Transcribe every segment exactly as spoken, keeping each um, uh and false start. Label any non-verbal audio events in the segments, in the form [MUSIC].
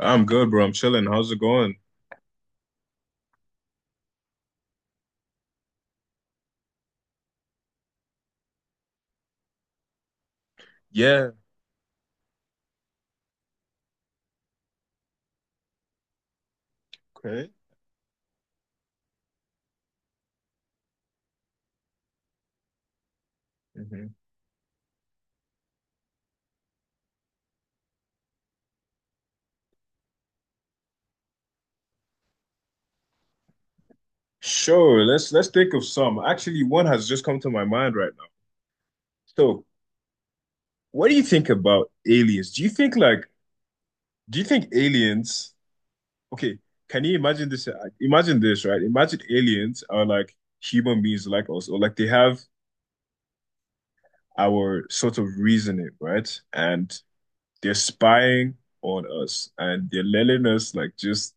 I'm good, bro. I'm chilling. How's it going? Yeah. Okay. Hmm. Sure. Let's let's think of some. Actually, one has just come to my mind right now. So, what do you think about aliens? Do you think like do you think aliens? Okay, can you imagine this? uh, Imagine this, right? Imagine aliens are like human beings like us, or like they have our sort of reasoning, right? And they're spying on us, and they're letting us like just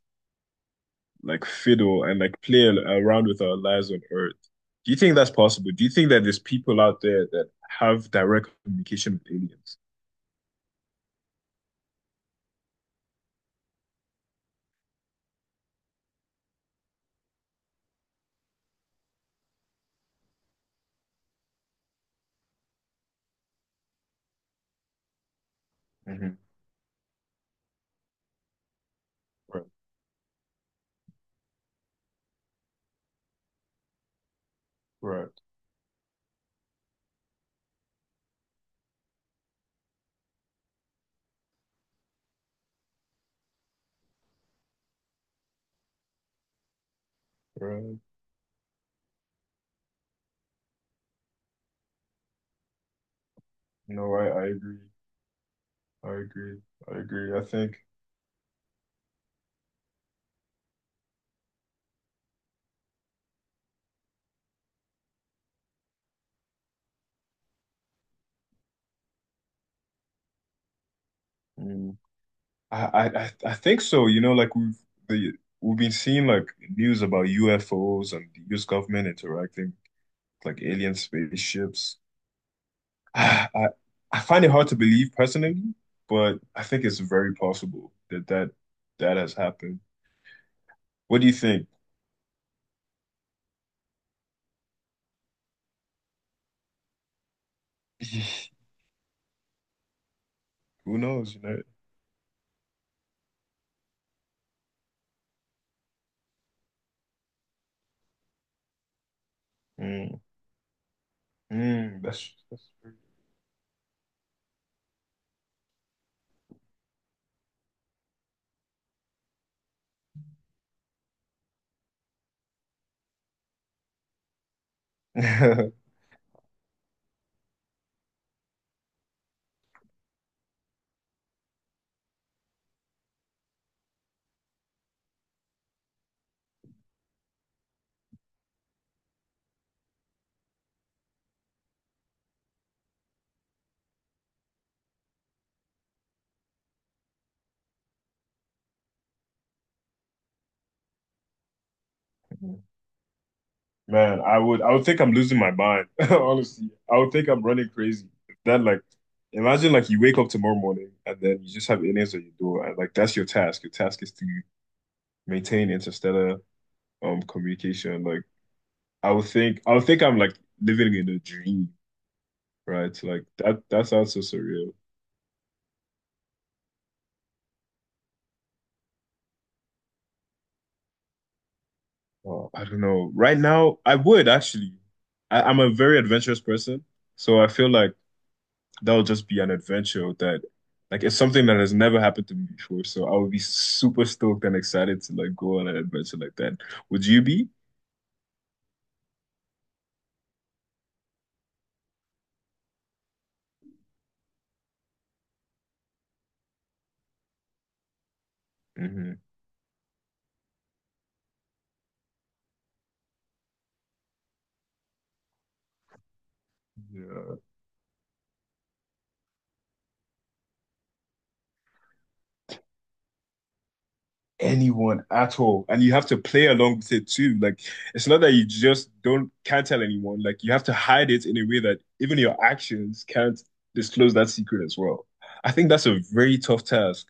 like fiddle and like play around with our lives on Earth. Do you think that's possible? Do you think that there's people out there that have direct communication with aliens? Hmm. Right, right, right. No, I, I agree. I agree. I agree. I think mm, I, I I think so. You know, like we've the we've been seeing like news about U F Os and the U S government interacting with, like alien spaceships. [SIGHS] I, I find it hard to believe personally, but I think it's very possible that that that has happened. What do you think? [SIGHS] [LAUGHS] Who knows, you know? Mm, mm, that's that's very- [LAUGHS] Man, I would I would think I'm losing my mind. [LAUGHS] Honestly, I would think I'm running crazy. That like, imagine like you wake up tomorrow morning and then you just have aliens at your door and like that's your task. Your task is to maintain interstellar um communication. Like I would think I would think I'm like living in a dream. Right? So, like that that sounds so surreal. Oh, I don't know. Right now, I would actually. I, I'm a very adventurous person, so I feel like that'll just be an adventure that like it's something that has never happened to me before. So I would be super stoked and excited to like go on an adventure like that. Would you be? Hmm. Yeah. Anyone at all. And you have to play along with it too. Like it's not that you just don't can't tell anyone. Like you have to hide it in a way that even your actions can't disclose that secret as well. I think that's a very tough task,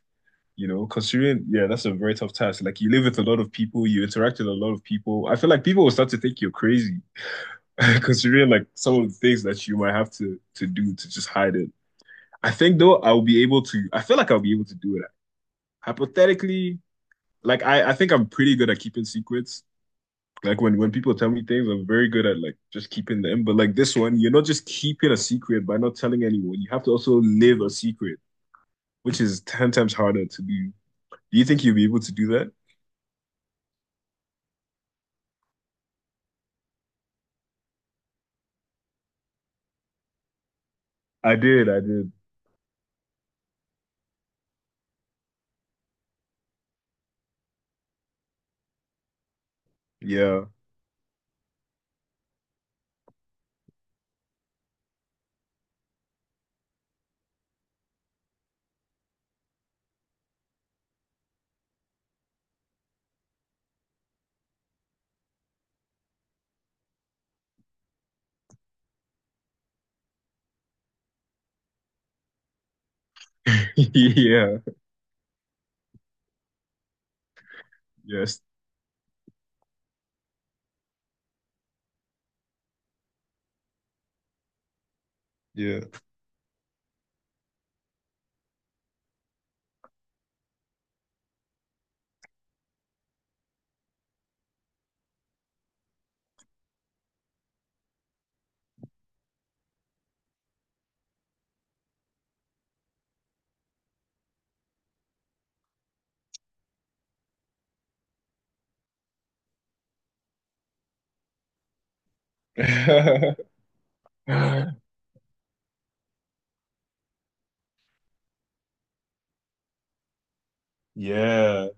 you know, considering yeah, that's a very tough task. Like you live with a lot of people, you interact with a lot of people. I feel like people will start to think you're crazy, [LAUGHS] considering like some of the things that you might have to to do to just hide it. I think though I'll be able to I feel like I'll be able to do it. Hypothetically, like I, I think I'm pretty good at keeping secrets. Like when when people tell me things, I'm very good at like just keeping them. But like this one, you're not just keeping a secret by not telling anyone. You have to also live a secret, which is ten times harder to do. Do you think you'll be able to do that? I did, I did. Yeah. [LAUGHS] Yeah. Yes. Yeah. [LAUGHS] Yeah.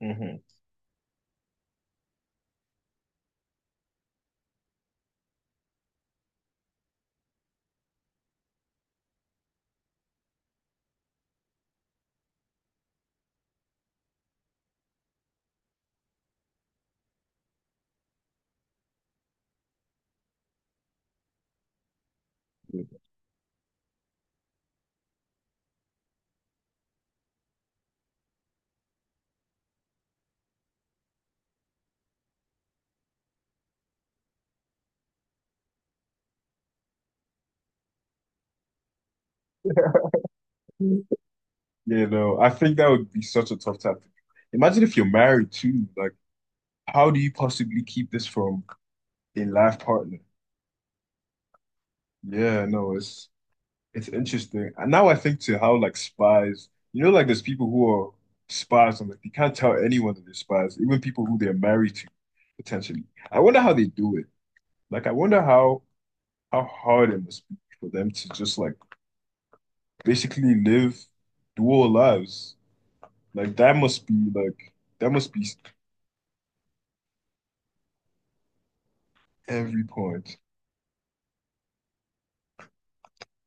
Mhm. You know, I think that would be such a tough topic. Imagine if you're married too. Like, how do you possibly keep this from a life partner? Yeah, no, it's it's interesting. And now I think to how like spies, you know, like there's people who are spies and like they can't tell anyone that they're spies, even people who they're married to, potentially. I wonder how they do it. Like, I wonder how how hard it must be for them to just like basically live dual lives. Like that must be like that must be. Every point.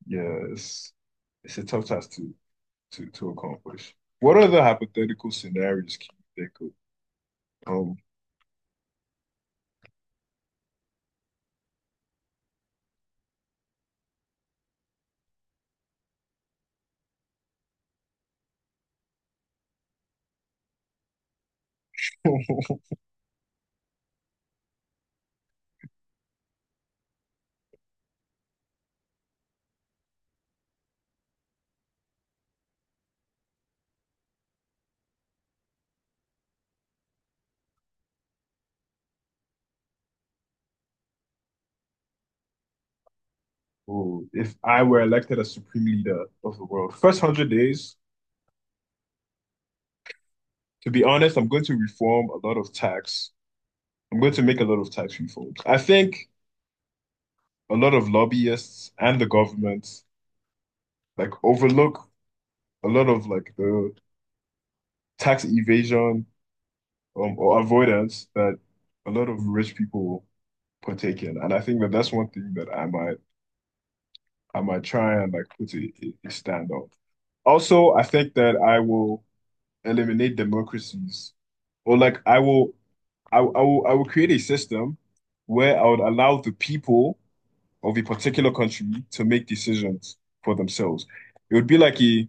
Yes. It's it's a tough task to to to accomplish. What other hypothetical scenarios can you think of? Um, [LAUGHS] ooh, if I were elected as supreme leader of the world, first hundred days, to be honest, I'm going to reform a lot of tax. I'm going to make a lot of tax reforms. I think a lot of lobbyists and the government like overlook a lot of like the tax evasion um, or avoidance that a lot of rich people partake in. And I think that that's one thing that I might I might try and like put a, a stand on. Also, I think that I will eliminate democracies, or like I will I, I will I will create a system where I would allow the people of a particular country to make decisions for themselves. It would be like a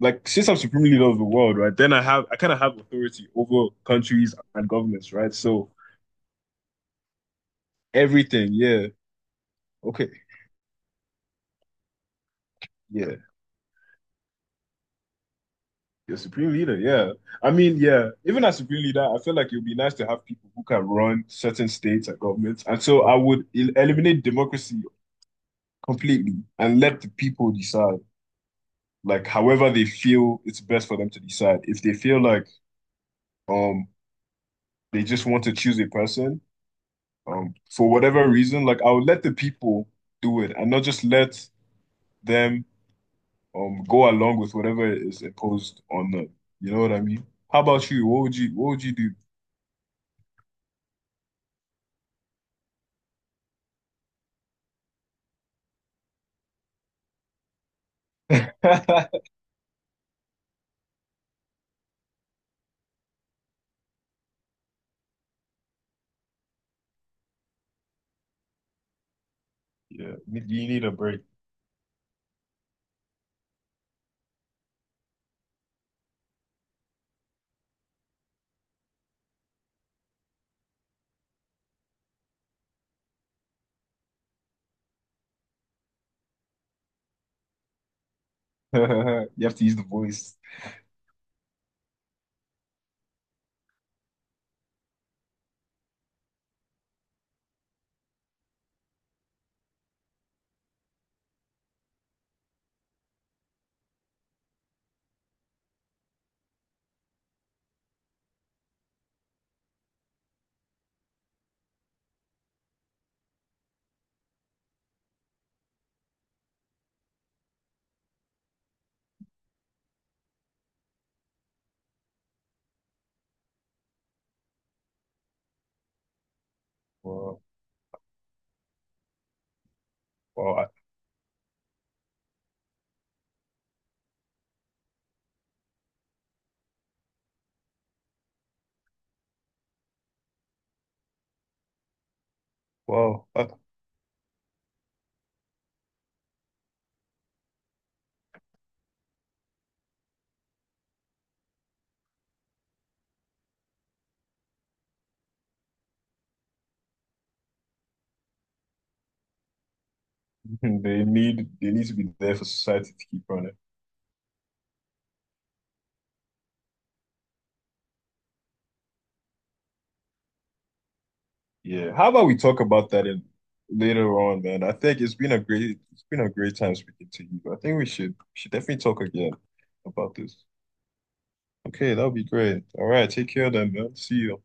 like since I'm supreme leader of the world, right? Then I have I kind of have authority over countries and governments, right? So everything, yeah. Okay, yeah. Your supreme leader, yeah. I mean, yeah. Even as supreme leader, I feel like it would be nice to have people who can run certain states and governments. And so I would el- eliminate democracy completely and let the people decide, like however they feel it's best for them to decide. If they feel like um they just want to choose a person, um, for whatever reason, like I would let the people do it and not just let them um go along with whatever is imposed on them. You know what I mean? How about you? What would you what would you do? [LAUGHS] Yeah, you you need a break. [LAUGHS] You have to use the voice. Wow, wow, I- wow. [LAUGHS] They need they need to be there for society to keep running. Yeah, how about we talk about that in later on, man? I think it's been a great it's been a great time speaking to you. I think we should should definitely talk again about this. Okay, that would be great. All right, take care then, man. See you.